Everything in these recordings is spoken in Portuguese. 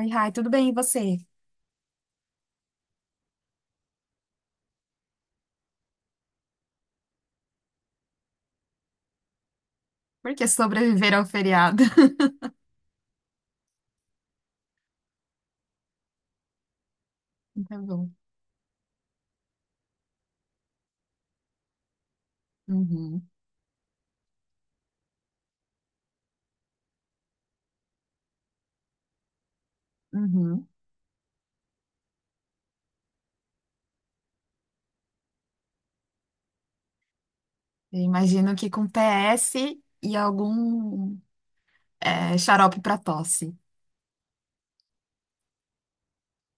Oi, Rai, tudo bem? E você? Por que sobreviver ao feriado? Tá bom. Uhum, uhum. Eu imagino que com PS e algum xarope para tosse.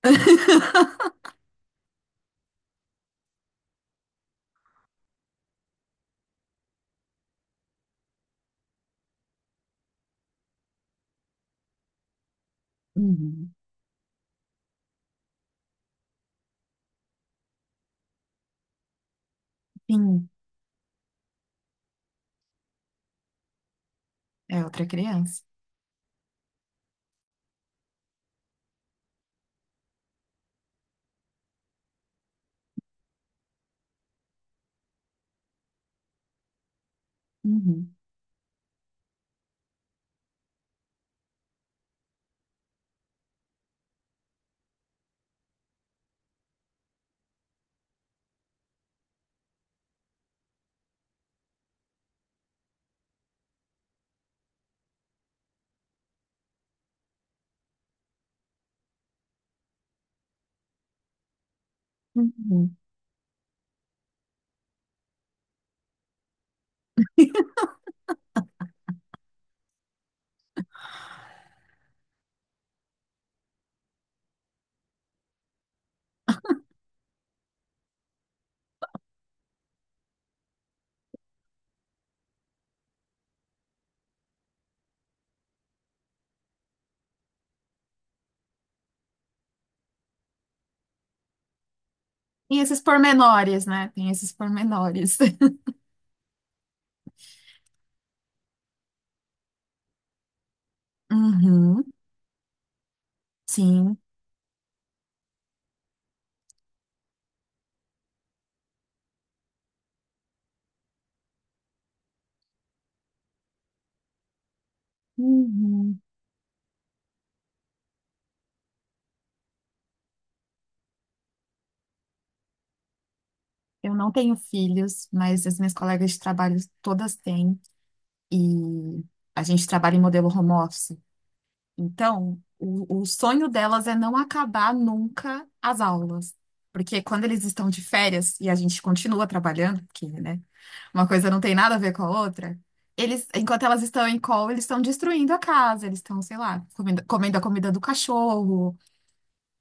Uhum. Sim, é outra criança. Uhum, uhum. Tem esses pormenores, né? Tem esses pormenores. Uhum, sim. Uhum. Eu não tenho filhos, mas as minhas colegas de trabalho todas têm. E a gente trabalha em modelo home office. Então, o sonho delas é não acabar nunca as aulas. Porque quando eles estão de férias e a gente continua trabalhando, porque, né, uma coisa não tem nada a ver com a outra, eles, enquanto elas estão em call, eles estão destruindo a casa, eles estão, sei lá, comendo a comida do cachorro,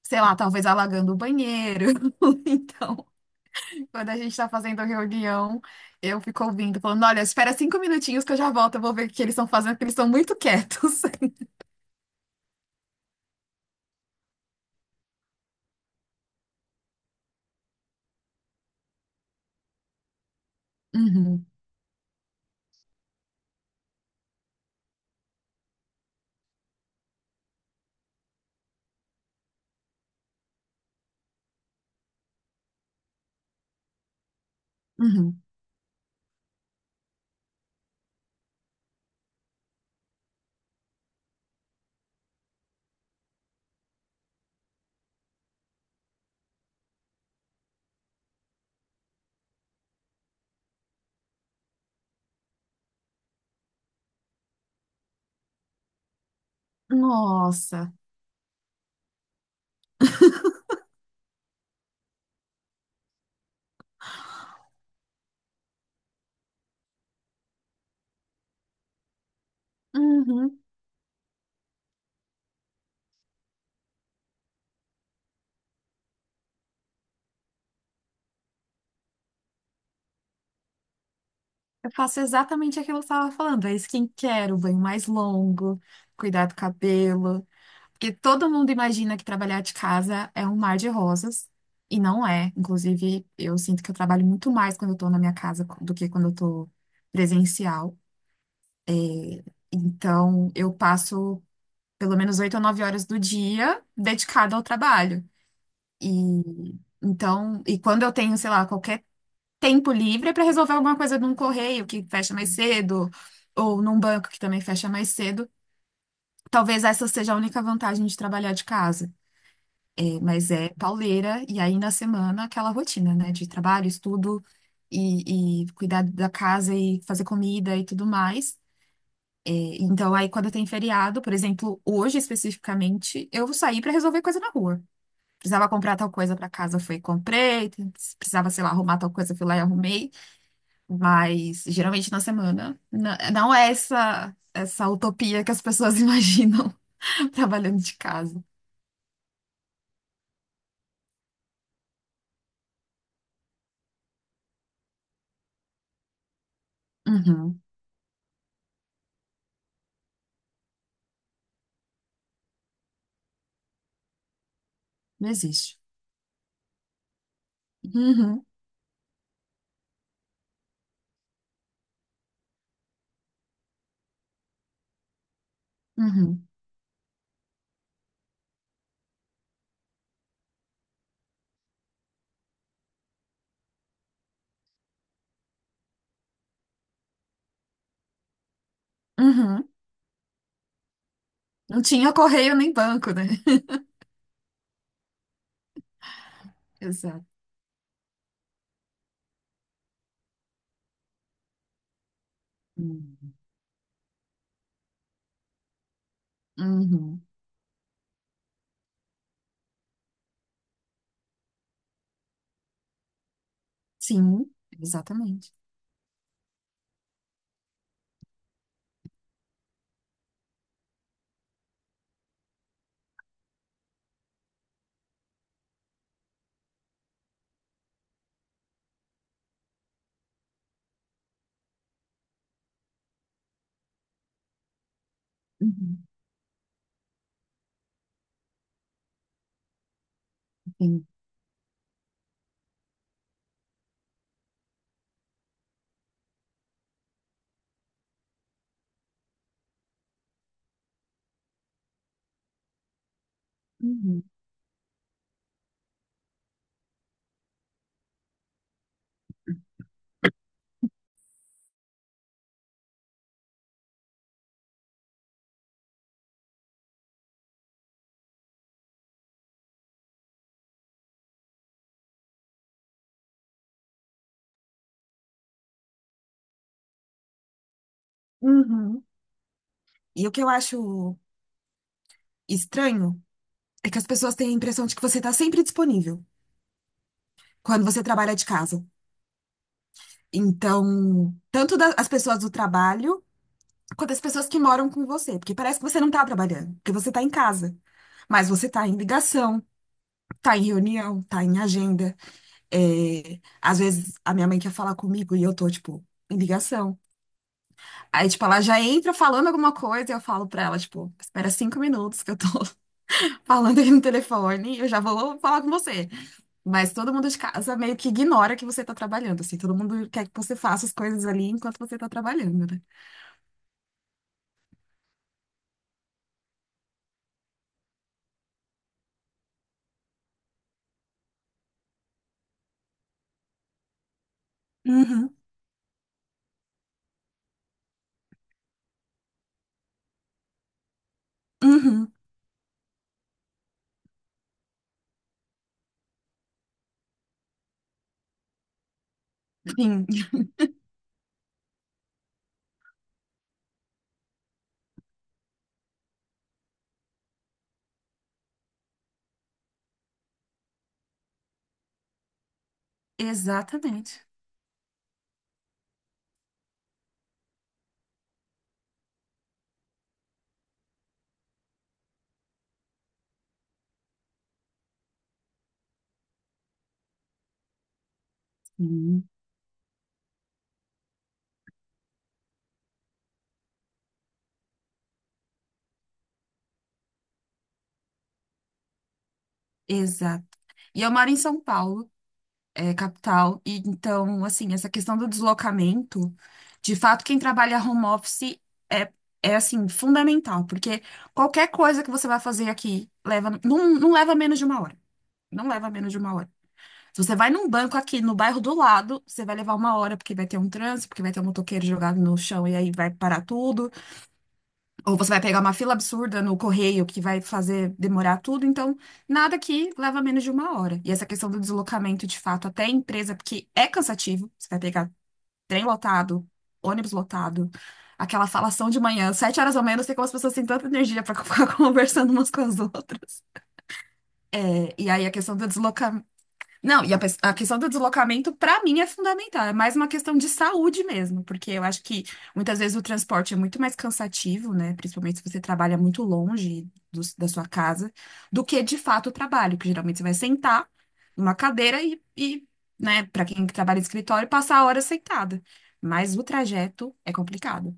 sei lá, talvez alagando o banheiro. Então, quando a gente está fazendo a reunião, eu fico ouvindo, falando, olha, espera 5 minutinhos que eu já volto, eu vou ver o que eles estão fazendo, porque eles estão muito quietos. Uhum, uhum. Nossa. Uhum. Eu faço exatamente aquilo que eu estava falando. É skincare, o banho mais longo, cuidar do cabelo. Porque todo mundo imagina que trabalhar de casa é um mar de rosas. E não é. Inclusive, eu sinto que eu trabalho muito mais quando eu estou na minha casa do que quando eu estou presencial. Então, eu passo pelo menos 8 ou 9 horas do dia dedicada ao trabalho. E então, e quando eu tenho, sei lá, qualquer tempo livre para resolver alguma coisa num correio que fecha mais cedo, ou num banco que também fecha mais cedo. Talvez essa seja a única vantagem de trabalhar de casa. É, mas é pauleira e aí na semana aquela rotina, né? De trabalho, estudo e cuidar da casa e fazer comida e tudo mais. É, então aí quando tem feriado, por exemplo, hoje especificamente, eu saí para resolver coisa na rua. Precisava comprar tal coisa para casa, foi e comprei. Precisava, sei lá, arrumar tal coisa, fui lá e arrumei. Mas geralmente na semana. Não é essa utopia que as pessoas imaginam trabalhando de casa. Uhum, não existe. Uhum, uhum, uhum. Não tinha correio nem banco, né? Exato. Uhum. Uhum. Sim, exatamente. Uhum. Sim. Uhum. Uhum. E o que eu acho estranho é que as pessoas têm a impressão de que você está sempre disponível quando você trabalha de casa. Então, tanto as pessoas do trabalho quanto as pessoas que moram com você, porque parece que você não está trabalhando, porque você está em casa. Mas você está em ligação, tá em reunião, tá em agenda. É, às vezes a minha mãe quer falar comigo e eu tô, tipo, em ligação. Aí, tipo, ela já entra falando alguma coisa e eu falo pra ela, tipo, espera 5 minutos que eu tô falando aqui no telefone e eu já vou falar com você. Mas todo mundo de casa meio que ignora que você tá trabalhando, assim, todo mundo quer que você faça as coisas ali enquanto você tá trabalhando, né? Uhum, uhum, sim. Exatamente. Uhum. Exato. E eu moro em São Paulo, capital, e então, assim, essa questão do deslocamento, de fato, quem trabalha home office é, é assim, fundamental, porque qualquer coisa que você vai fazer aqui leva, não, não leva menos de uma hora. Não leva menos de uma hora. Se você vai num banco aqui no bairro do lado, você vai levar uma hora, porque vai ter um trânsito, porque vai ter um motoqueiro jogado no chão e aí vai parar tudo. Ou você vai pegar uma fila absurda no correio que vai fazer demorar tudo, então nada que leva menos de uma hora. E essa questão do deslocamento de fato até a empresa, porque é cansativo, você vai pegar trem lotado, ônibus lotado, aquela falação de manhã, 7 horas ou menos, não sei como as pessoas têm tanta energia para ficar conversando umas com as outras. É, e aí a questão do deslocamento. Não, e a questão do deslocamento, para mim, é fundamental. É mais uma questão de saúde mesmo, porque eu acho que muitas vezes o transporte é muito mais cansativo, né? Principalmente se você trabalha muito longe da sua casa, do que de fato o trabalho, que geralmente você vai sentar numa cadeira e, né, para quem trabalha em escritório, passar a hora sentada. Mas o trajeto é complicado.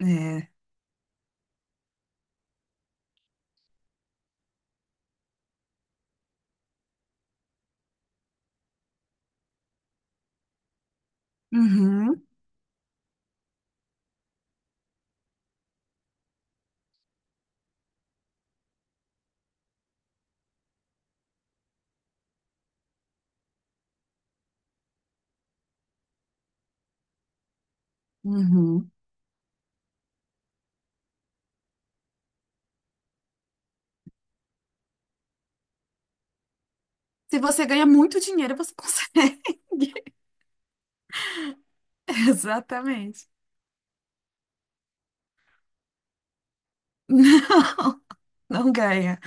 É. Uhum, uhum. Se você ganha muito dinheiro, você consegue. Exatamente. Não ganha.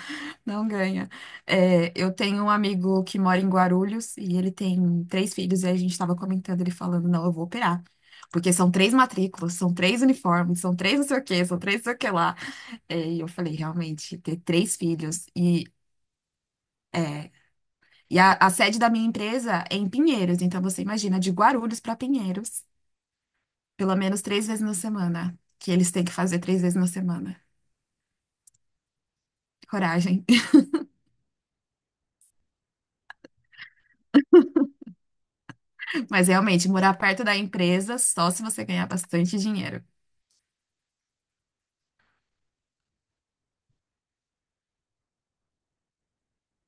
Não ganha. É, eu tenho um amigo que mora em Guarulhos e ele tem três filhos, e a gente estava comentando, ele falando, não, eu vou operar. Porque são três matrículas, são três uniformes, são três não sei o quê, são três não sei o que lá. É, e eu falei, realmente, ter três filhos e. É, e a sede da minha empresa é em Pinheiros, então você imagina, de Guarulhos para Pinheiros, pelo menos três vezes na semana, que eles têm que fazer três vezes na semana. Coragem. Mas realmente, morar perto da empresa só se você ganhar bastante dinheiro.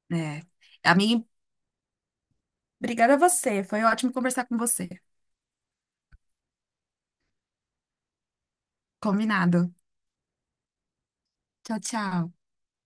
É. Amiga, obrigada a você. Foi ótimo conversar com você. Combinado. Tchau, tchau.